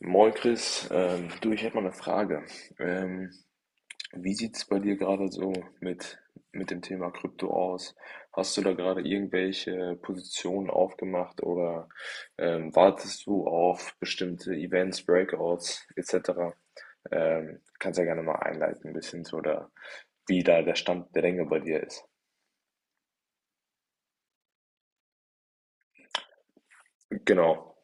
Moin Chris, du, ich hätte mal eine Frage. Ähm, wie sieht es bei dir gerade so mit, mit dem Thema Krypto aus? Hast du da gerade irgendwelche Positionen aufgemacht oder wartest du auf bestimmte Events, Breakouts etc.? Kannst ja gerne mal einleiten ein bisschen zu oder wie da der Stand der Dinge bei dir ist. Genau.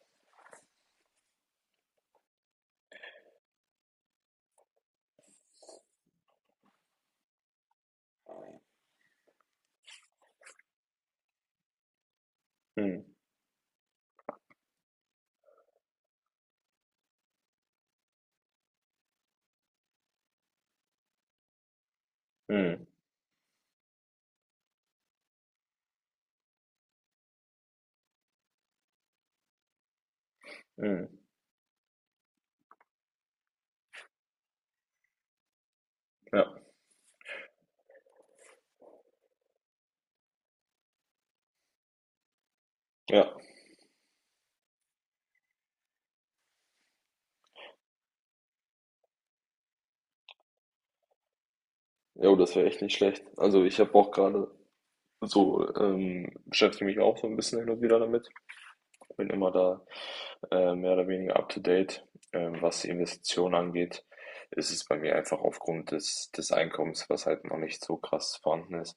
Hm, hm, hm. Ja, ja. Jo, das wäre echt nicht schlecht. Also ich habe auch gerade. So, beschäftige mich auch so ein bisschen hin und wieder damit, bin immer da, mehr oder weniger up to date. Was die Investitionen angeht, ist es bei mir einfach aufgrund des Einkommens, was halt noch nicht so krass vorhanden ist,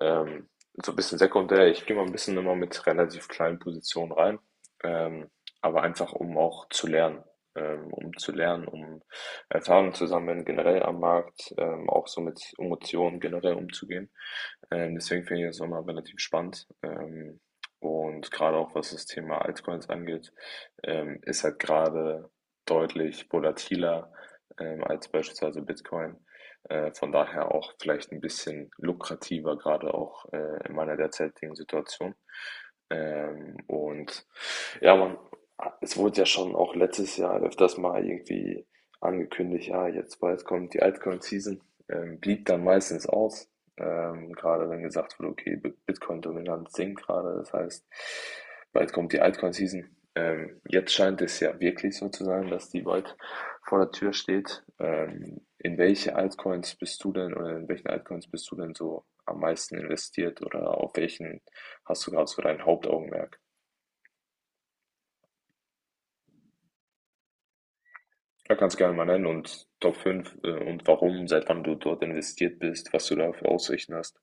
ähm, so ein bisschen sekundär. Ich gehe mal ein bisschen immer mit relativ kleinen Positionen rein, ähm, aber einfach um auch zu lernen. Um zu lernen, um Erfahrungen zu sammeln, generell am Markt, auch so mit Emotionen generell umzugehen. Deswegen finde ich das immer relativ spannend. Und gerade auch was das Thema Altcoins angeht, ist halt gerade deutlich volatiler als beispielsweise Bitcoin. Von daher auch vielleicht ein bisschen lukrativer, gerade auch in meiner derzeitigen Situation. Und ja, man, es wurde ja schon auch letztes Jahr öfters mal irgendwie angekündigt, ja, jetzt bald kommt die Altcoin-Season, blieb dann meistens aus. Gerade wenn gesagt wird, okay, Bitcoin-Dominanz sinkt gerade, das heißt, bald kommt die Altcoin-Season. Jetzt scheint es ja wirklich so zu sein, dass die bald vor der Tür steht. In welche Altcoins bist du denn oder in welchen Altcoins bist du denn so am meisten investiert oder auf welchen hast du gerade so dein Hauptaugenmerk? Da kannst du gerne mal nennen und Top 5 und warum, seit wann du dort investiert bist, was du da für Aussichten hast.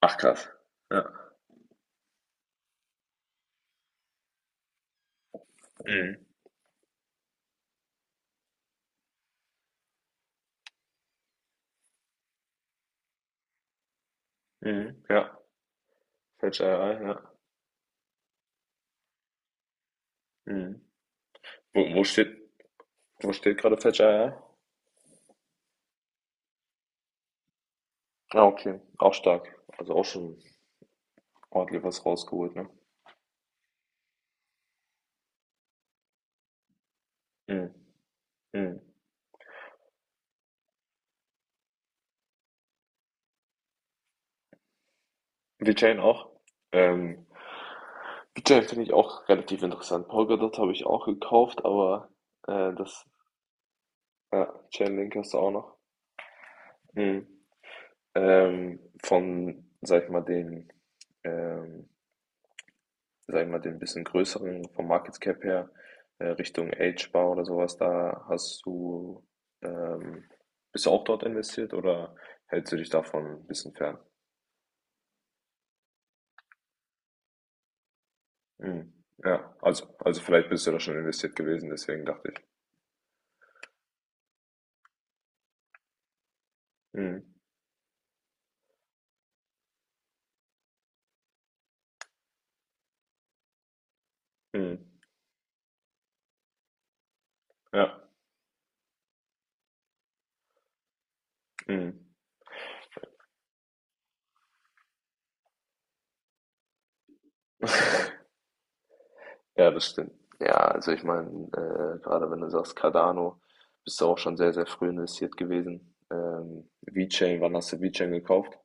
Ach krass. Ja. Mhm. Mhm. Ja. Fällt ja, ja. Mhm. Wo, wo steht, wo steht gerade Fetcher? Ja? Ah, okay. Auch stark. Also auch schon ordentlich was rausgeholt, ne? Mhm. Mhm. VeChain auch. Ähm, VeChain finde ich auch relativ interessant. Polkadot habe ich auch gekauft, aber das ja, Chainlink hast du auch noch. Mhm. Von, sag ich mal, den ähm, sag ich mal, den bisschen größeren vom Market Cap her, Richtung Agebar oder sowas, da hast du, ähm, bist du auch dort investiert oder hältst du dich davon ein bisschen fern? Mhm. Ja, also vielleicht bist du da schon investiert gewesen, deswegen dachte ich. Mhm. Mhm. Ja. Mhm. Ja, das stimmt. Ja, also ich meine, gerade wenn du sagst Cardano, bist du auch schon sehr, sehr früh investiert gewesen. VeChain, wann hast du VeChain gekauft?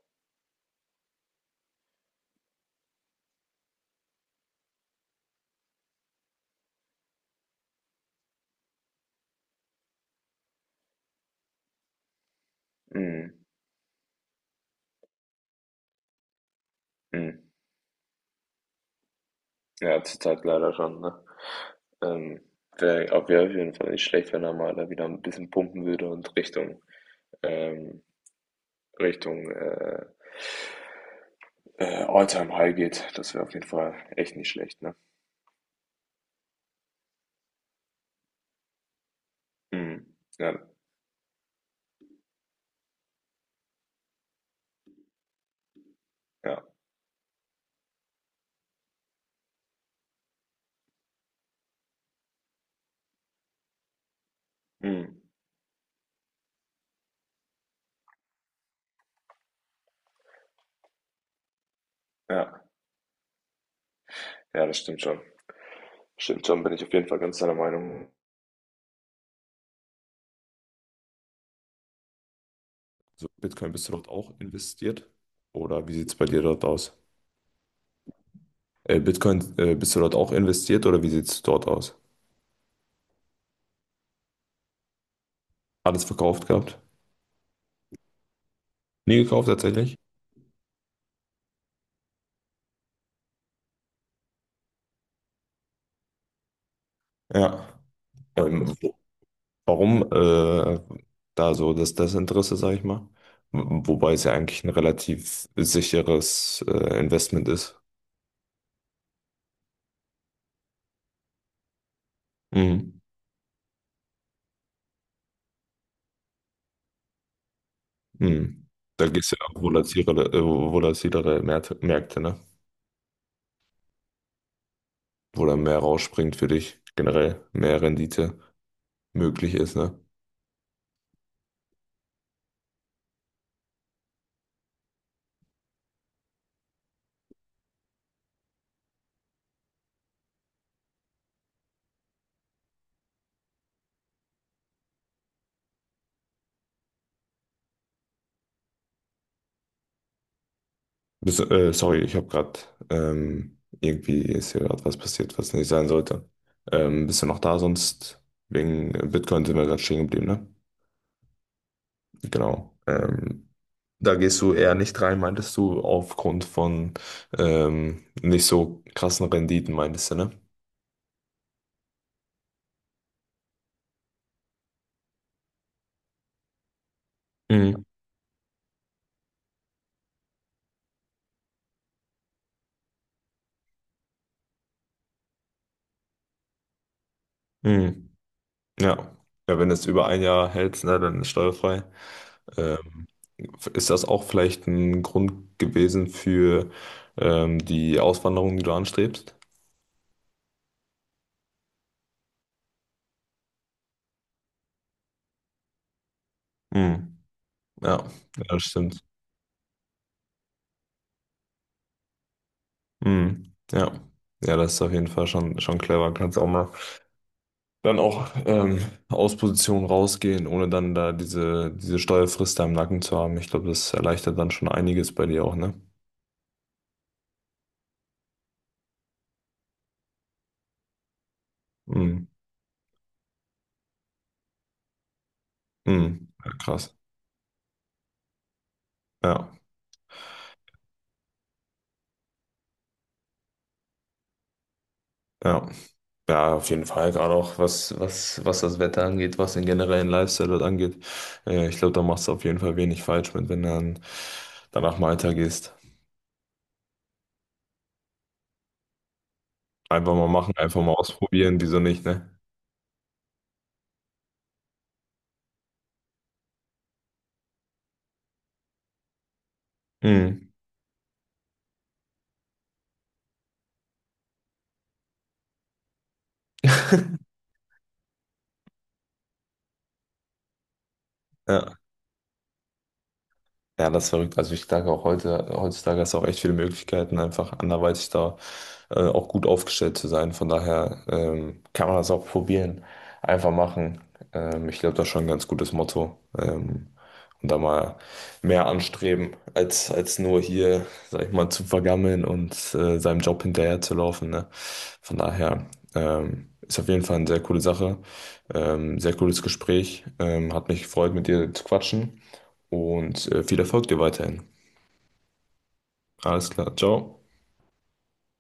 Mhm. Mhm. Ja, zurzeit leider schon, ne? Ähm, wär auf jeden Fall nicht schlecht, wenn er mal da wieder ein bisschen pumpen würde und ähm, Richtung All-Time-High geht. Das wäre auf jeden Fall echt nicht schlecht, ne? Mhm. Ja, ja, mhm. Ja, ja, das stimmt schon. Stimmt schon, bin ich auf jeden Fall ganz deiner Meinung. So, Bitcoin, bist du dort auch investiert? Oder wie sieht es bei dir dort aus? Bitcoin, bist du dort auch investiert oder wie sieht es dort aus? Alles verkauft gehabt? Nie gekauft tatsächlich? Ja. Ähm, wo- Warum da so das Desinteresse, sage ich mal? Wobei es ja eigentlich ein relativ sicheres Investment ist. Mhm. Mhm. Da geht es ja auch volatilere, Märkte, ne? Wo dann mehr rausspringt für dich, generell mehr Rendite möglich ist, ne? Sorry, ich habe gerade, irgendwie ist hier gerade was passiert, was nicht sein sollte. Bist du noch da? Sonst wegen Bitcoin sind wir gerade stehen geblieben, ne? Genau. Da gehst du eher nicht rein, meintest du, aufgrund von nicht so krassen Renditen, meintest du, ne? Mhm. Mhm. Ja. Ja, wenn du es über ein Jahr hält, ne, dann ist steuerfrei. Ähm, ist das auch vielleicht ein Grund gewesen für die Auswanderung, die du anstrebst? Mhm. Ja, ja, das stimmt. Mhm. Ja. Ja, das ist auf jeden Fall schon clever. Kannst auch mal dann auch, aus Position rausgehen, ohne dann da diese Steuerfrist da im Nacken zu haben. Ich glaube, das erleichtert dann schon einiges bei dir auch, ne? Mhm. Mhm. Ja, krass. Ja, ja. Ja, auf jeden Fall. Gerade auch was das Wetter angeht, was den generellen Lifestyle dort angeht. Ich glaube, da machst du auf jeden Fall wenig falsch mit, wenn du dann danach Malta gehst. Einfach mal machen, einfach mal ausprobieren, wieso nicht, ne? Mhm. Ja. Ja, das ist verrückt. Also ich denke auch heutzutage hast du auch echt viele Möglichkeiten, einfach anderweitig da auch gut aufgestellt zu sein. Von daher kann man das auch probieren, einfach machen. Ich glaube, das ist schon ein ganz gutes Motto. Und da mal mehr anstreben, als nur hier, sag ich mal, zu vergammeln und seinem Job hinterher zu laufen. Ne? Von daher ist auf jeden Fall eine sehr coole Sache. Sehr cooles Gespräch. Hat mich gefreut, mit dir zu quatschen. Und viel Erfolg dir weiterhin. Alles klar, ciao.